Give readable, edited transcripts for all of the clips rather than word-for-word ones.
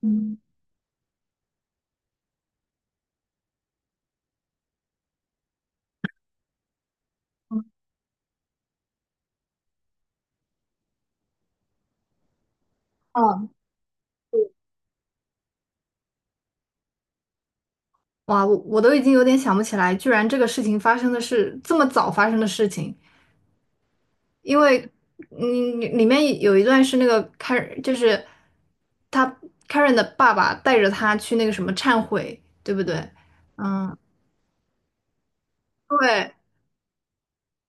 嗯，哦，哇，我都已经有点想不起来，居然这个事情发生的是这么早发生的事情，因为里面有一段是那个 Karen，就是他 Karen 的爸爸带着他去那个什么忏悔，对不对？嗯，对，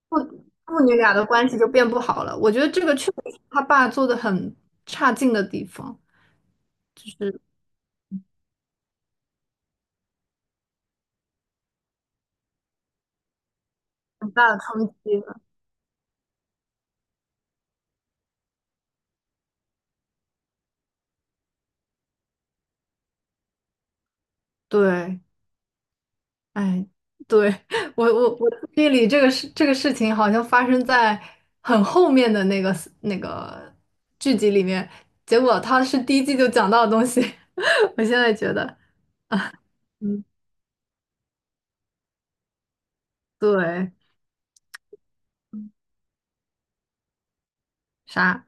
父父女俩的关系就变不好了。我觉得这个确实是他爸做的很差劲的地方，就是很大的冲击了。对，哎，对，我记忆里这个事情好像发生在很后面的那个剧集里面，结果他是第一季就讲到的东西，我现在觉得，嗯，对，啥？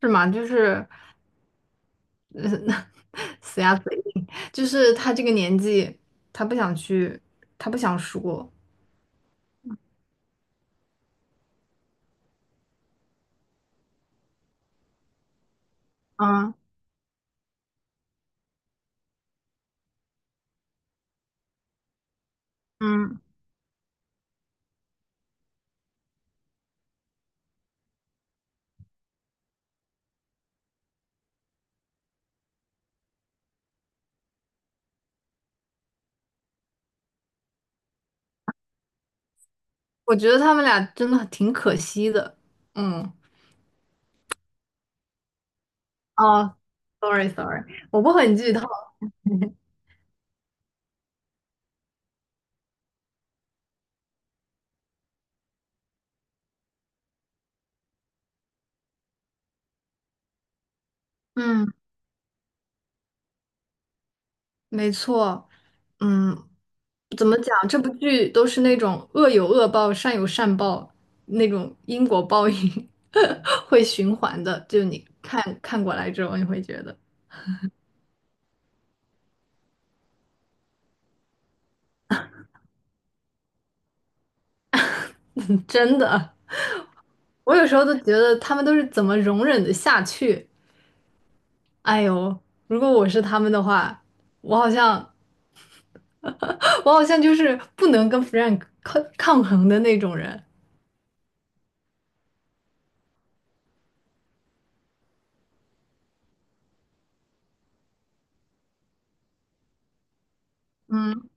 是吗？就是，嗯，死鸭子硬，就是他这个年纪，他不想去，他不想说。嗯嗯，我觉得他们俩真的挺可惜的，嗯，哦，sorry sorry，我不很剧透。嗯。没错，嗯，怎么讲？这部剧都是那种恶有恶报，善有善报，那种因果报应 会循环的。就你看看过来之后，你会觉得 真的，我有时候都觉得他们都是怎么容忍的下去？哎呦，如果我是他们的话，我好像 我好像就是不能跟 Frank 抗衡的那种人。嗯，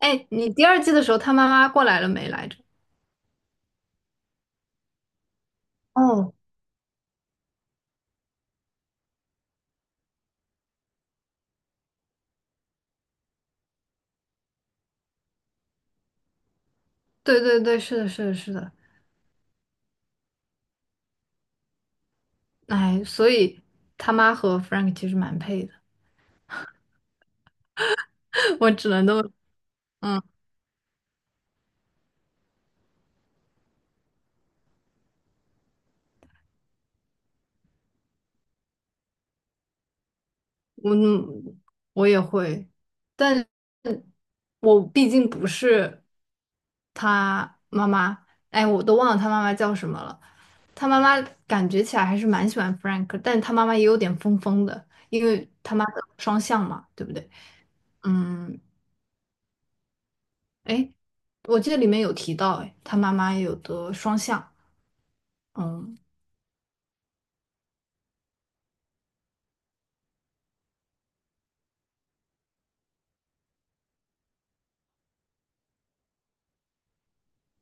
哎，你第二季的时候，他妈妈过来了没来着？哦，对对对，是的，是的，是的，哎，所以他妈和 Frank 其实蛮配的，我只能都，嗯，我我也会，但我毕竟不是他妈妈，哎，我都忘了他妈妈叫什么了，他妈妈感觉起来还是蛮喜欢 Frank，但他妈妈也有点疯疯的，因为他妈的双向嘛，对不对？嗯，哎，我记得里面有提到，哎，他妈妈有的双向，嗯。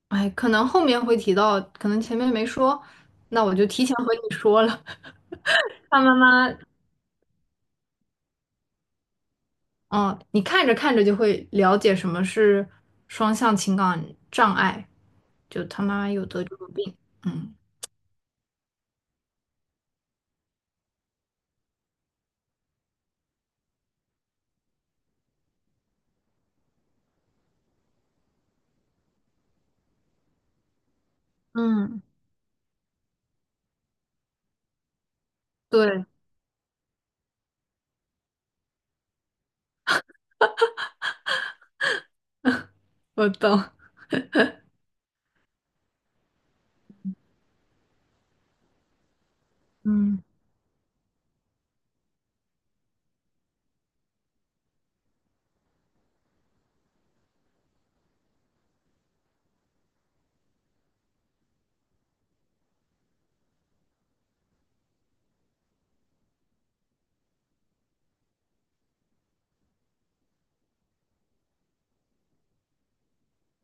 哎，可能后面会提到，可能前面没说，那我就提前和你说了。他妈妈，嗯，你看着看着就会了解什么是双向情感障碍，就他妈妈有得这个病。嗯，嗯对，我懂。嗯，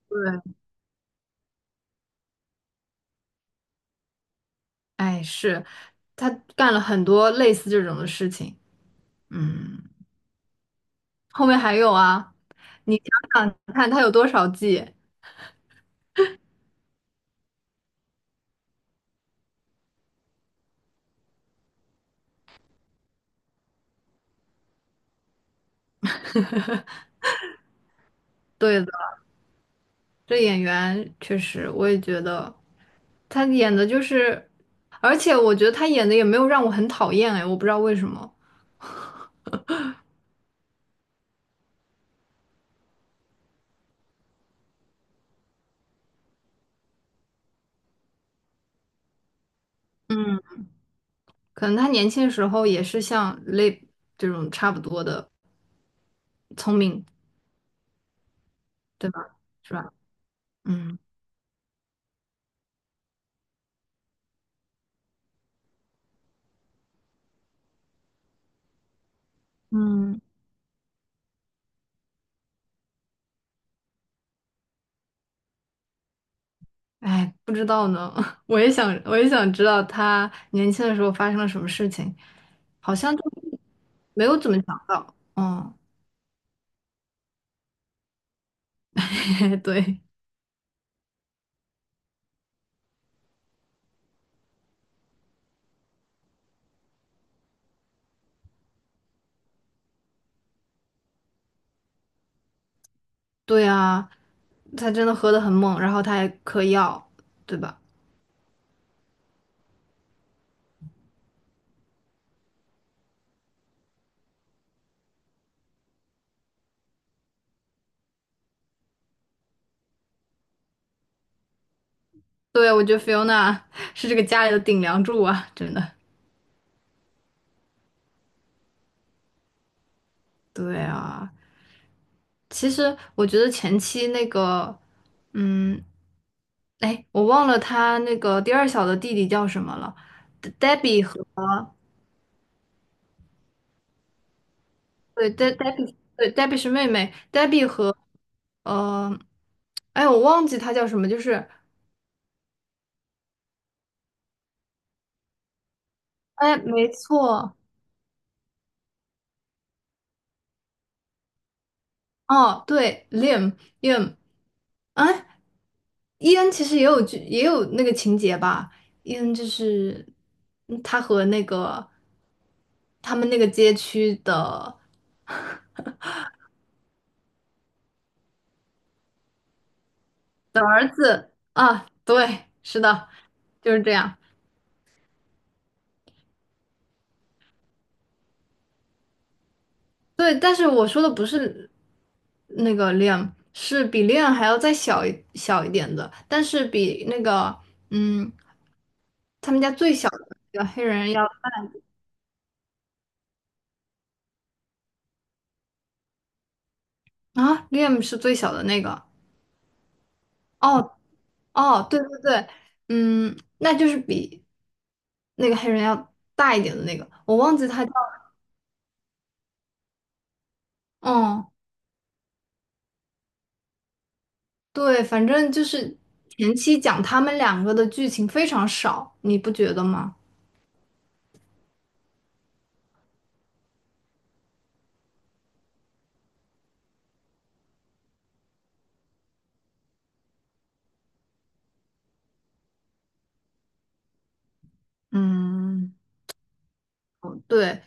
对，哎，是，他干了很多类似这种的事情。嗯，后面还有啊，你想想看，他有多少季？对的，这演员确实，我也觉得。他演的就是，而且我觉得他演的也没有让我很讨厌哎，我不知道为什么，嗯，可能他年轻的时候也是像 Lip 这种差不多的聪明，对吧？是吧？嗯，嗯，哎，不知道呢，我也想，我也想知道他年轻的时候发生了什么事情，好像就没有怎么讲到。嗯，对，对啊，他真的喝得很猛，然后他还嗑药，对吧？对，我觉得 Fiona 是这个家里的顶梁柱啊，真的。对啊，其实我觉得前期那个，嗯，哎，我忘了他那个第二小的弟弟叫什么了，Debbie 和，对， Debbie， 对， Debbie 是妹妹，Debbie 和呃，哎，我忘记他叫什么，就是哎，没错，哦，对，Liam， Liam，哎，伊恩其实也有剧，也有那个情节吧。伊恩就是他和那个他们那个街区的，是啊，对，是的，就是这样。对，但是我说的不是那个 Liam，是比 Liam 还要再小一点的，但是比那个嗯他们家最小的那个黑人要，啊，Liam 是最小的那个。哦，哦，对对对，嗯，那就是比那个黑人要大一点的那个，我忘记他叫，嗯，对，反正就是前期讲他们两个的剧情非常少，你不觉得吗？嗯，对，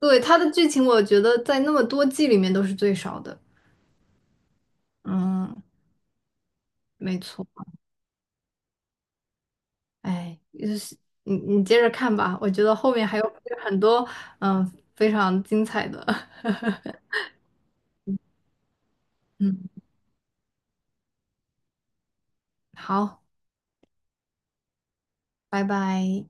对，他的剧情我觉得在那么多季里面都是最少的，嗯，没错。哎，就是你接着看吧，我觉得后面还有很多嗯非常精彩的，嗯，好，拜拜。